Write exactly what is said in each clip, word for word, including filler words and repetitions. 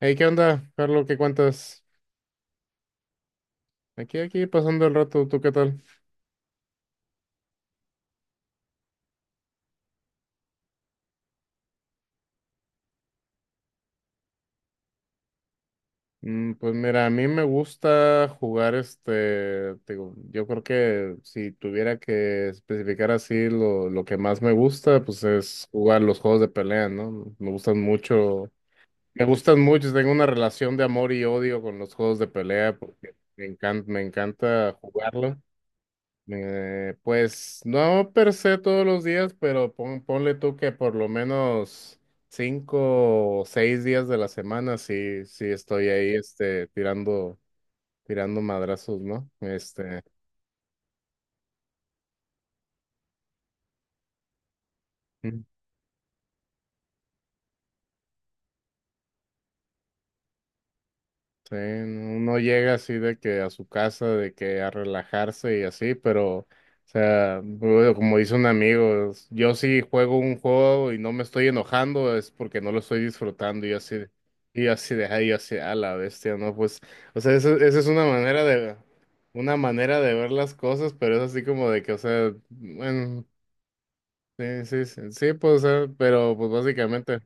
Hey, ¿qué onda, Carlos? ¿Qué cuentas? Aquí, aquí, pasando el rato, ¿tú qué tal? Mm, pues mira, a mí me gusta jugar este, te digo, yo creo que si tuviera que especificar así lo, lo que más me gusta, pues es jugar los juegos de pelea, ¿no? Me gustan mucho, me gustan mucho, tengo una relación de amor y odio con los juegos de pelea porque me encanta, me encanta jugarlo. Eh, pues no per se todos los días, pero pon- ponle tú que por lo menos cinco o seis días de la semana sí, sí estoy ahí este, tirando, tirando madrazos, ¿no? Este. Sí, uno llega así de que a su casa, de que a relajarse y así, pero, o sea, bueno, como dice un amigo, es- yo si juego un juego y no me estoy enojando es porque no lo estoy disfrutando y así, y así de ahí, así, a la bestia, ¿no? Pues, o sea, eso- esa es una manera de, una manera de ver las cosas, pero es así como de que, o sea, bueno, sí, sí, sí, sí, pues, o sea, pero pues básicamente.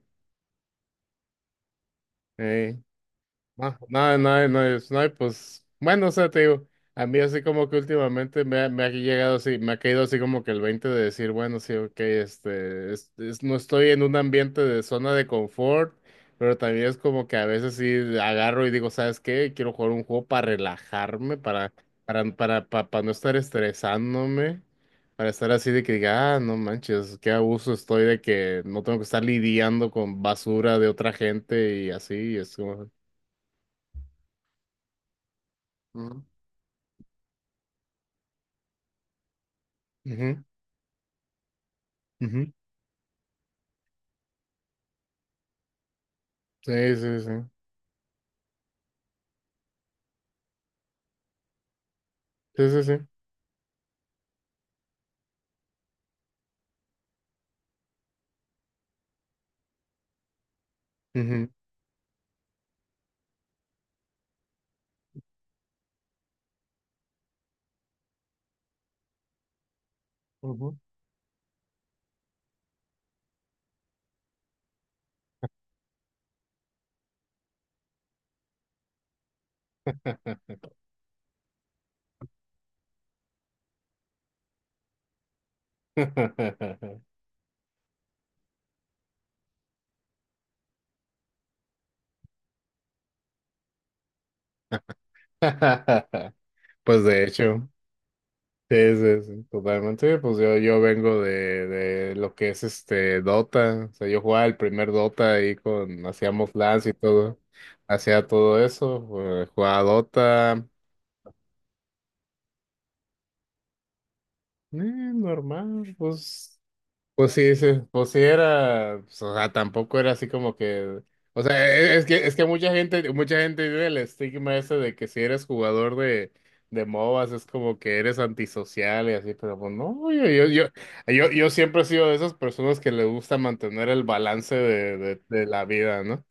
No, no, no, no, es- no, hay, pues bueno, o sea, te digo, a mí así como que últimamente me ha, me ha llegado así, me ha caído así como que el veinte de decir, bueno, sí, ok, este, es- es- no estoy en un ambiente de zona de confort, pero también es como que a veces sí agarro y digo, ¿sabes qué? Quiero jugar un juego para relajarme, para, para, para, pa- para no estar estresándome, para estar así de que diga, ah, no manches, qué abuso estoy de que no tengo que estar lidiando con basura de otra gente y así, y es como... Ujú, ujú. Sí, sí, sí. Sí, sí, sí. Ujú, ujú. Pues de hecho, sí, sí, sí, totalmente. Pues yo, yo vengo de, de lo que es este Dota. O sea, yo jugaba el primer Dota ahí con, hacíamos LANs y todo. Hacía todo eso. eh, Jugaba Dota. eh, normal, pues. Pues sí, sí, pues sí era, pues, o sea, tampoco era así como que, o sea, e- es que, es que mucha gente, mucha gente vive el estigma ese de que si eres jugador de, de, M O B As es como que eres antisocial y así, pero pues no, yo, yo, yo, yo, yo siempre he sido de esas personas que le gusta mantener el balance de, de, de la vida, ¿no?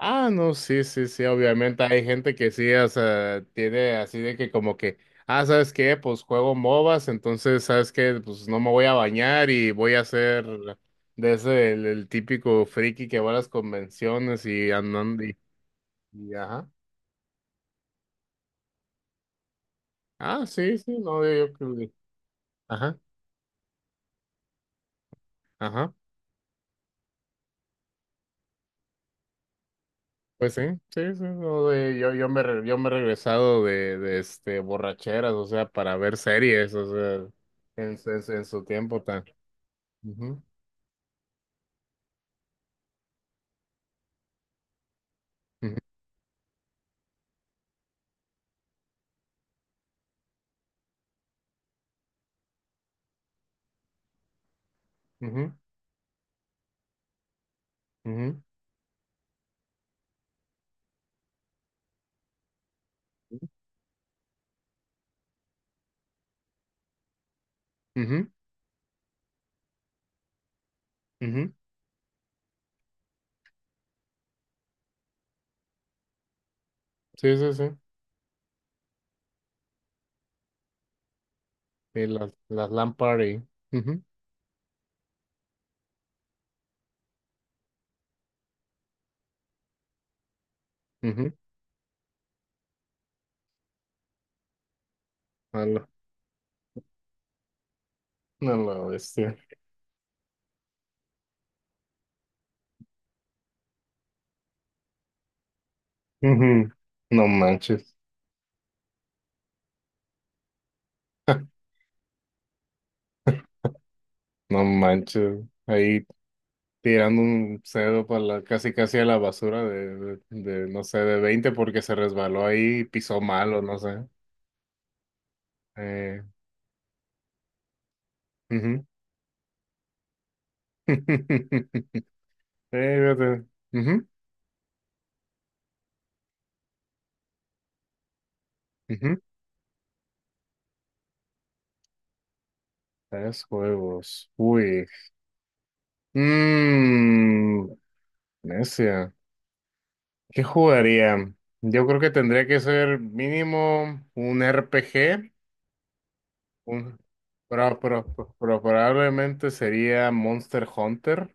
Ah, no, sí, sí, sí, obviamente hay gente que sí, o sea, tiene así de que como que, ah, ¿sabes qué? Pues juego M O B As, entonces, ¿sabes qué? Pues no me voy a bañar y voy a ser de ese, el, el típico friki que va a las convenciones y andando y, y ajá. Ah, sí, sí, no, yo, yo creo que... Ajá, ajá, pues sí, sí, sí, no, de- yo, yo me, re- yo me he regresado de, de, este, borracheras, o sea, para ver series, o sea, en, en, en su tiempo tan. Ujú, ujú. Ujú, ujú, ujú, ujú. Sí, sí, sí. Y las, las lámparas y... Ujú, ujú. A la, a la bestia. Ujú. No manches. No manches. Ahí tirando un cedo para la, casi casi a la basura de, de, de, no sé, de veinte porque se resbaló ahí y pisó mal o no sé. Eh, Ujú. Eh, fíjate. Ujú, ujú. Tres juegos. Uy. Mmm. Necia. ¿Qué jugaría? Yo creo que tendría que ser mínimo un R P G, un, pro- pro- pro- probablemente sería Monster Hunter.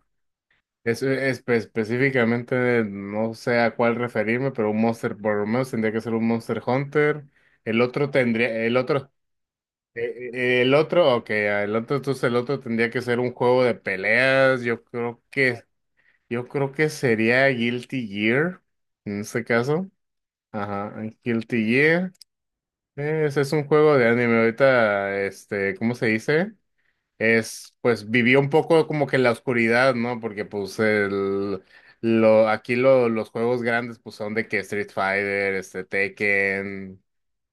Es, e, espe- específicamente no sé a cuál referirme, pero un Monster, por lo menos tendría que ser un Monster Hunter. El otro tendría, el otro, eh, eh, el otro, ok, ah, el otro, entonces el otro tendría que ser un juego de peleas. Yo creo que, yo creo que sería Guilty Gear en este caso. Ajá, Guilty Gear. Ese es un juego de anime. Ahorita, este, ¿cómo se dice? Es, pues, vivió un poco como que en la oscuridad, ¿no? Porque, pues, el, lo, aquí lo- los juegos grandes, pues, son de que Street Fighter, este, Tekken.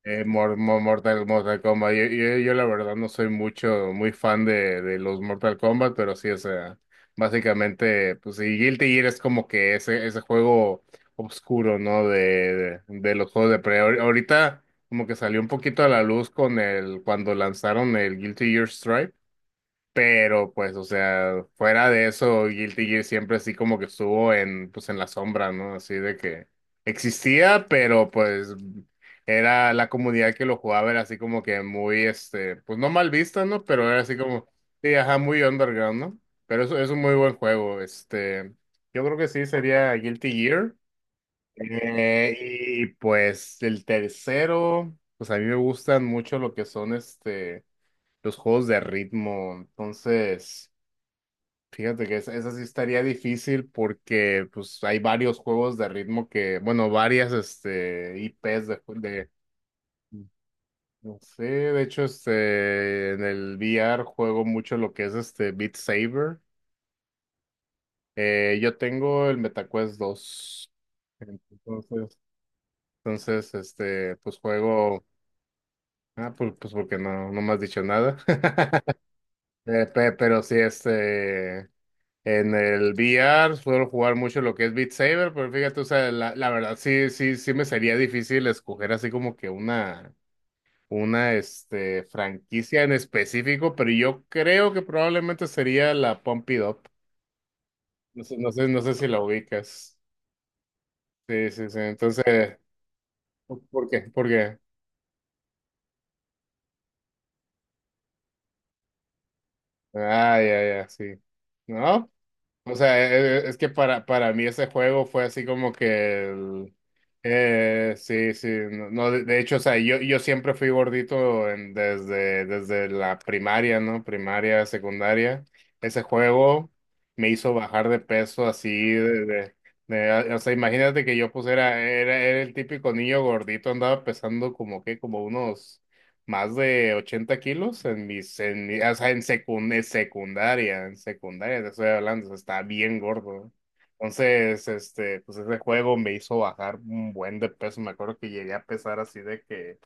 Eh, Mor- Mo- Mortal, Mortal Kombat. Yo, yo, yo la verdad no soy mucho, muy fan de, de los Mortal Kombat, pero sí, o sea, básicamente, pues sí, Guilty Gear es como que ese, ese juego oscuro, ¿no? De, de, de los juegos de pelea. Ahor- Ahorita como que salió un poquito a la luz con el, cuando lanzaron el Guilty Gear Strive. Pero pues, o sea, fuera de eso, Guilty Gear siempre así como que estuvo en, pues en la sombra, ¿no? Así de que existía, pero pues era la comunidad que lo jugaba, era así como que muy, este, pues no mal vista, ¿no? Pero era así como, sí, ajá, muy underground, ¿no? Pero eso es un muy buen juego, este, yo creo que sí sería Guilty Gear. Eh, y pues el tercero, pues a mí me gustan mucho lo que son, este, los juegos de ritmo, entonces... Fíjate que esa, esa sí estaría difícil porque pues hay varios juegos de ritmo que, bueno, varias este I Ps de, ju- de no sé, de hecho este en el V R juego mucho lo que es este Beat Saber. Eh, yo tengo el MetaQuest dos. Entonces, entonces este pues juego, ah pues, pues, porque no no me has dicho nada. Eh, pe- pero sí, este En el V R suelo jugar mucho lo que es Beat Saber, pero fíjate, o sea, la, la verdad sí, sí, sí me sería difícil escoger así como que una, una, este, franquicia en específico, pero yo creo que probablemente sería la Pump It Up. No sé, no sé, no sé si la ubicas. Sí, sí, sí. Entonces, ¿por por qué? ¿Por qué? Ah, ya, ya, sí. ¿No? O sea, e- e- es que para, para, mí ese juego fue así como que el- eh, sí, sí, no, no, de, de hecho, o sea, yo, yo siempre fui gordito en... desde, desde la primaria, ¿no? Primaria, secundaria. Ese juego me hizo bajar de peso así de, de- de- o sea, imagínate que yo pues era, era, era el típico niño gordito, andaba pesando como que, como unos más de ochenta kilos en mis, en, mi- o sea, en secund- en secundaria, en secundaria te estoy hablando, o sea, estaba bien gordo. Entonces, este, pues ese juego me hizo bajar un buen de peso. Me acuerdo que llegué a pesar así de que,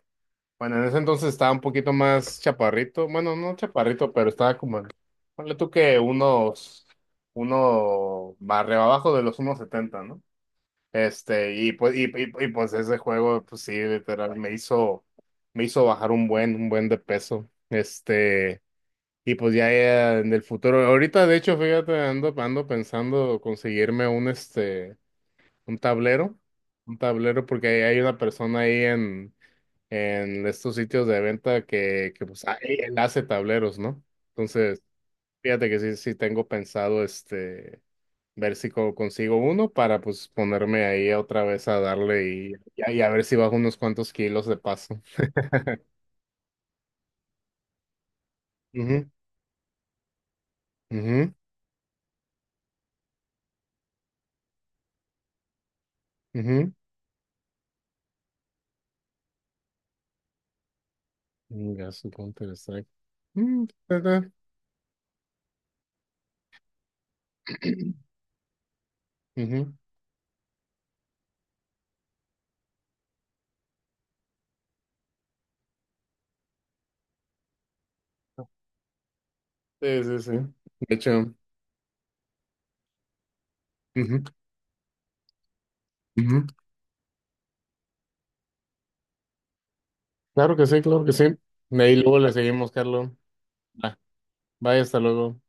bueno, en ese entonces estaba un poquito más chaparrito, bueno, no chaparrito, pero estaba como, en... ponle tú que unos, uno barrio abajo de los uno setenta, ¿no? Este, y pues, y, y- y, pues ese juego, pues sí, literal, me hizo, me hizo bajar un buen, un buen de peso. Este, y pues ya, ya en el futuro, ahorita de hecho, fíjate, ando, ando pensando conseguirme un, este, un tablero, un tablero, porque hay, hay una persona ahí en, en estos sitios de venta que, que pues, ah, él hace tableros, ¿no? Entonces, fíjate que sí, sí tengo pensado, este ver si co- consigo uno para pues ponerme ahí otra vez a darle y, y a y a ver si bajo unos cuantos kilos de paso. Ujú, ujú, ujú. Venga, su Counter Strike. Mm, ¿verdad? Ujú. Sí, sí, sí. De hecho, ujú, ujú. Claro que sí, claro que sí. De ahí luego le seguimos, Carlos. Va, bye, hasta luego.